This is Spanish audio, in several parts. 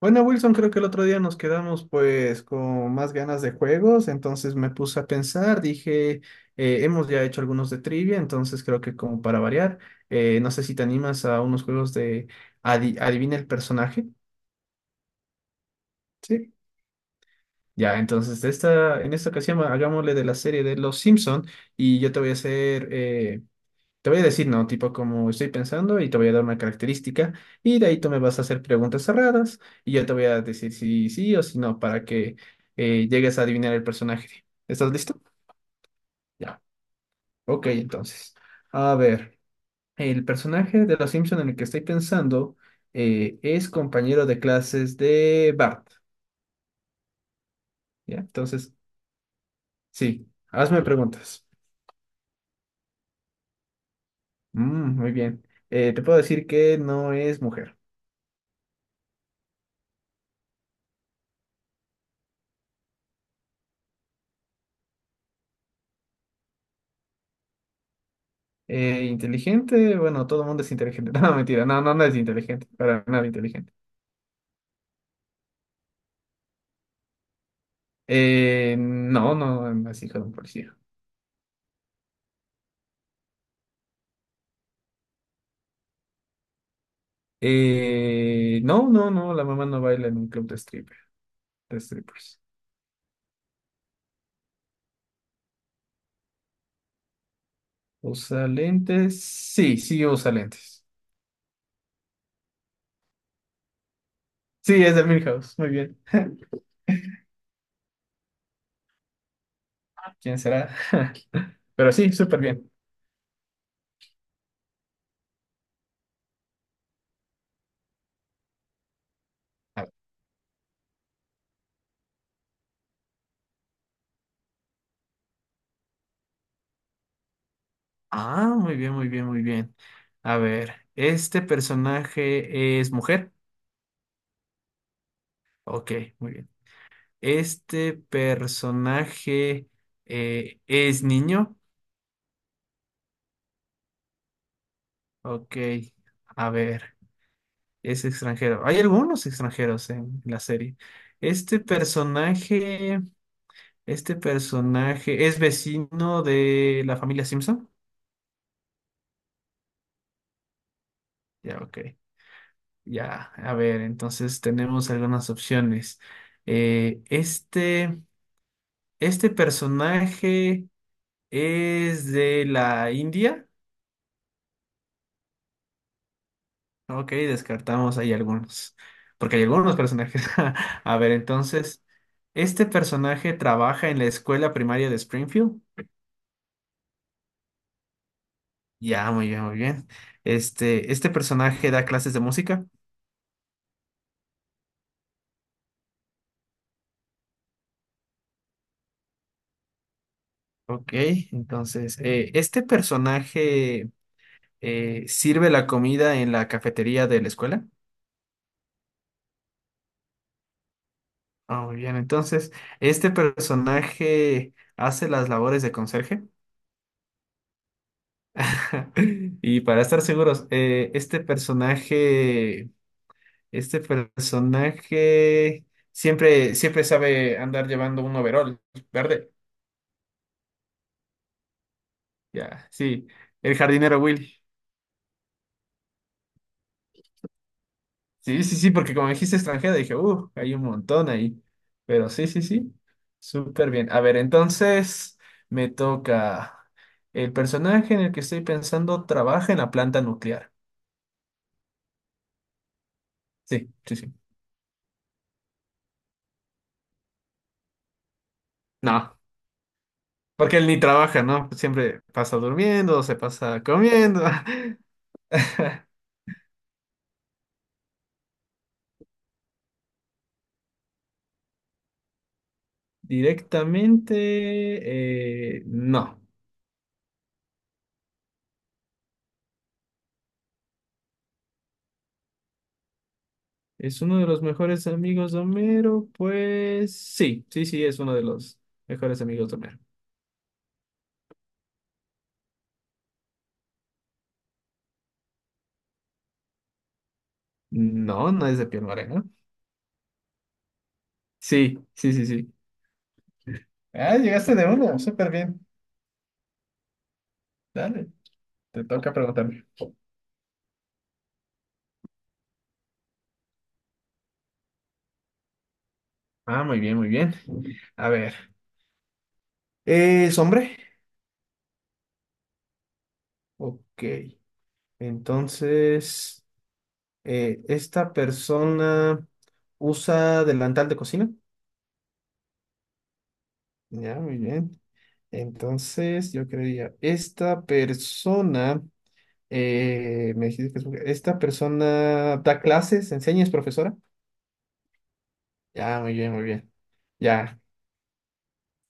Bueno, Wilson, creo que el otro día nos quedamos pues con más ganas de juegos, entonces me puse a pensar, dije, hemos ya hecho algunos de trivia, entonces creo que como para variar, no sé si te animas a unos juegos de adivina el personaje, ¿sí? Ya, entonces de esta, en esta ocasión hagámosle de la serie de Los Simpson y yo te voy a hacer te voy a decir, no, tipo como estoy pensando y te voy a dar una característica y de ahí tú me vas a hacer preguntas cerradas y yo te voy a decir si sí o si no para que llegues a adivinar el personaje. ¿Estás listo? Ya. Ok, entonces. A ver, el personaje de Los Simpson en el que estoy pensando es compañero de clases de Bart. ¿Ya? Entonces, sí, hazme preguntas. Mm, muy bien. Te puedo decir que no es mujer. Inteligente, bueno, todo el mundo es inteligente. No, mentira, no, no, no es inteligente, para nada inteligente. No, no, no es hijo de un policía. No, no, no, la mamá no baila en un club de stripper, de strippers. ¿Usa lentes? Sí, sí usa lentes. Sí, es de Milhouse, muy bien. ¿Quién será? Pero sí, súper bien. A ver. Ah, muy bien, muy bien, muy bien. A ver, ¿este personaje es mujer? Ok, muy bien. Este personaje es niño. Ok, a ver, es extranjero. Hay algunos extranjeros en la serie. Este personaje, este personaje es vecino de la familia Simpson. Ya, ok. Ya, a ver, entonces tenemos algunas opciones. Eh, este, este personaje es de la India. Ok, descartamos ahí algunos, porque hay algunos personajes. A ver, entonces, ¿este personaje trabaja en la escuela primaria de Springfield? Ya, muy bien, muy bien. Este, ¿este personaje da clases de música? Ok, entonces, ¿este personaje sirve la comida en la cafetería de la escuela? Ah, muy bien, entonces, ¿este personaje hace las labores de conserje? Y para estar seguros, ¿este personaje Este personaje siempre, siempre sabe andar llevando un overol verde. Ya, sí. El jardinero Willy. Sí, sí, sí, porque como dijiste extranjera, dije, hay un montón ahí. Pero sí, sí, sí. Súper bien. A ver, entonces me toca. El personaje en el que estoy pensando trabaja en la planta nuclear. Sí, sí, sí. No, porque él ni trabaja, ¿no? Siempre pasa durmiendo, se pasa comiendo. Directamente, no. ¿Es uno de los mejores amigos de Homero? Pues sí, sí, sí, es uno de los mejores amigos de Homero. No, no es de piel morena. Sí, sí, sí, sí. Ah, llegaste de uno, súper bien. Dale, te toca preguntarme. Ah, muy bien, muy bien. A ver, ¿es hombre? Ok, entonces, ¿esta persona usa delantal de cocina? Ya, muy bien. Entonces, yo creería, esta persona, me dijiste que es mujer, esta persona da clases, enseña, es profesora. Ya, muy bien, muy bien. Ya,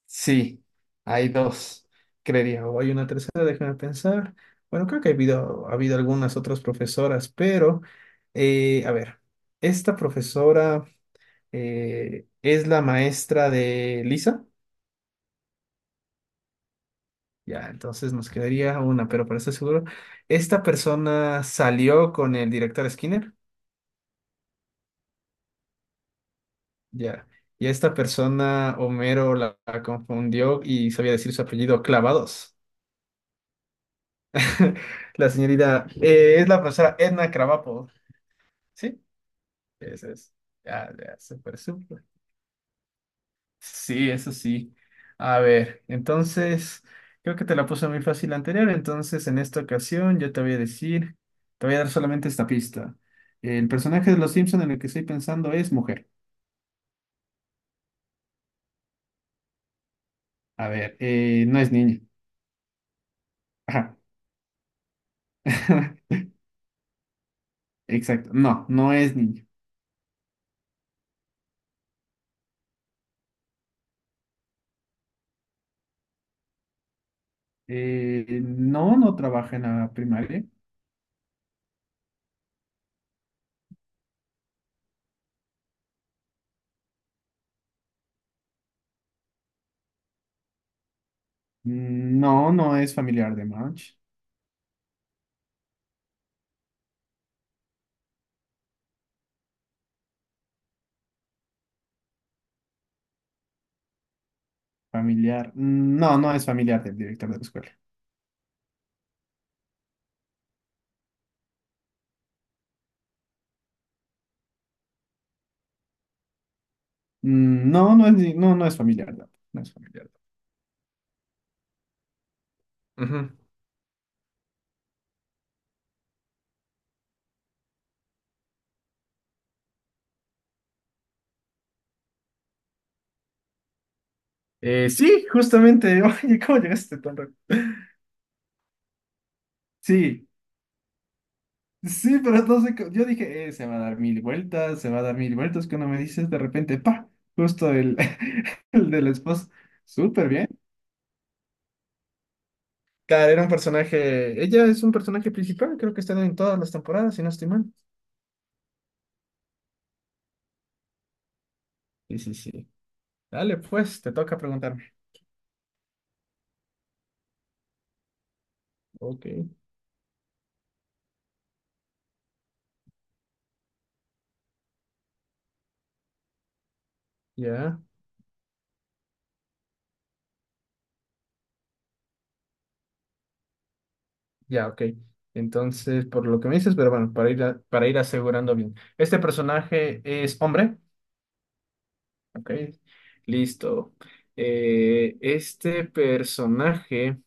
sí, hay dos, creería. O hay una tercera, déjame pensar. Bueno, creo que ha habido algunas otras profesoras, pero, a ver, esta profesora es la maestra de Lisa. Ya, entonces nos quedaría una, pero para estar seguro, ¿esta persona salió con el director Skinner? Ya. Y esta persona, Homero, la confundió y sabía decir su apellido Clavados. La señorita, es la profesora Edna Krabappel, ¿sí? Esa es. Ya, ya, súper, súper. Sí, eso sí. A ver, entonces, creo que te la puse muy fácil la anterior, entonces en esta ocasión yo te voy a decir, te voy a dar solamente esta pista. El personaje de Los Simpson en el que estoy pensando es mujer. A ver, no es niña. Ajá. Exacto, no, no es niña. No, no trabaja en la primaria. Mm, no, no es familiar de Marge. Familiar, mm, no, no es familiar del director de la escuela. Mm, no, no es, ni- no, no es familiar, no, no es familiar. Ujú. Sí, justamente. Oye, ¿cómo llegaste tan rápido? Sí, sí, pero no sé. Yo dije, se va a dar mil vueltas, se va a dar mil vueltas. Cuando me dices de repente, pa, justo el, el de la esposa. Súper bien. Claro, era un personaje. Ella es un personaje principal, creo que está en todas las temporadas, si no estoy mal. Sí, sí, sí. Dale, pues, te toca preguntarme. Ok, ya, ya, ok. Entonces, por lo que me dices, pero bueno, para ir, para ir asegurando bien. ¿Este personaje es hombre? Ok, listo. Este personaje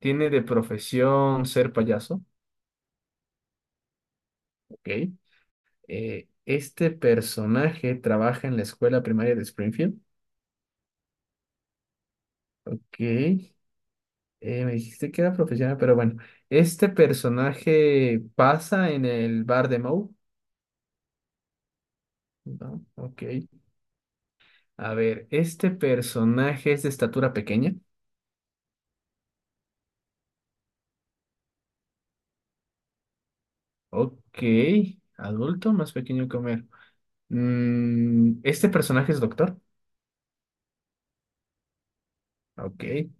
tiene de profesión ser payaso. Ok. Este personaje trabaja en la escuela primaria de Springfield. Ok. Me dijiste que era profesional, pero bueno. Este personaje pasa en el bar de Moe. No, ok. A ver, este personaje es de estatura pequeña. Ok. Adulto más pequeño que Homero. Mm, este personaje es doctor. Ok.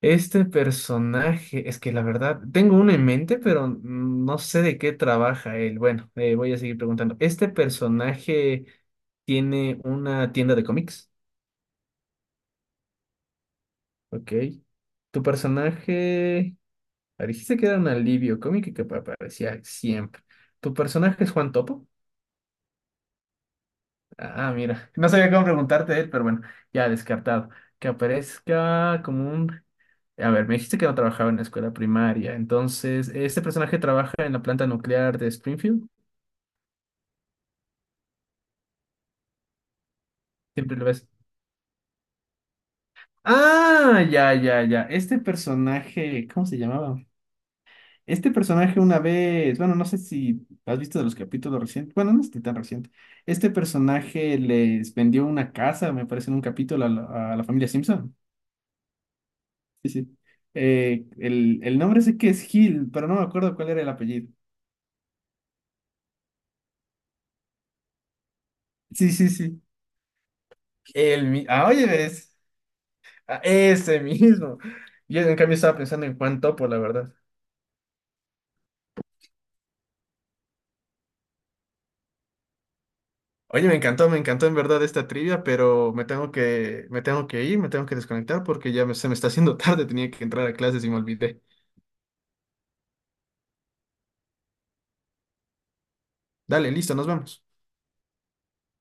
Este personaje, es que la verdad, tengo uno en mente, pero no sé de qué trabaja él. Bueno, voy a seguir preguntando. ¿Este personaje tiene una tienda de cómics? Ok. ¿Tu personaje... ah, dijiste que era un alivio cómico y que aparecía siempre. ¿Tu personaje es Juan Topo? Ah, mira. No sabía cómo preguntarte de él, pero bueno, ya descartado. Que aparezca como un A ver, me dijiste que no trabajaba en la escuela primaria. Entonces, ¿este personaje trabaja en la planta nuclear de Springfield? Siempre lo ves. Ah, ya, ya, ya. Este personaje, ¿cómo se llamaba? Este personaje una vez, bueno, no sé si has visto de los capítulos recientes, bueno, no es ni tan reciente. Este personaje les vendió una casa, me parece, en un capítulo a a la familia Simpson. Sí, sí. El nombre sé que es Hill, pero no me acuerdo cuál era el apellido. Sí, sí, sí. Ah, oye, ves. Ah, ese mismo. Yo en cambio estaba pensando en Juan Topo, la verdad. Oye, me encantó en verdad esta trivia, pero me tengo que ir, me tengo que desconectar porque ya se me está haciendo tarde, tenía que entrar a clases y me olvidé. Dale, listo, nos vemos.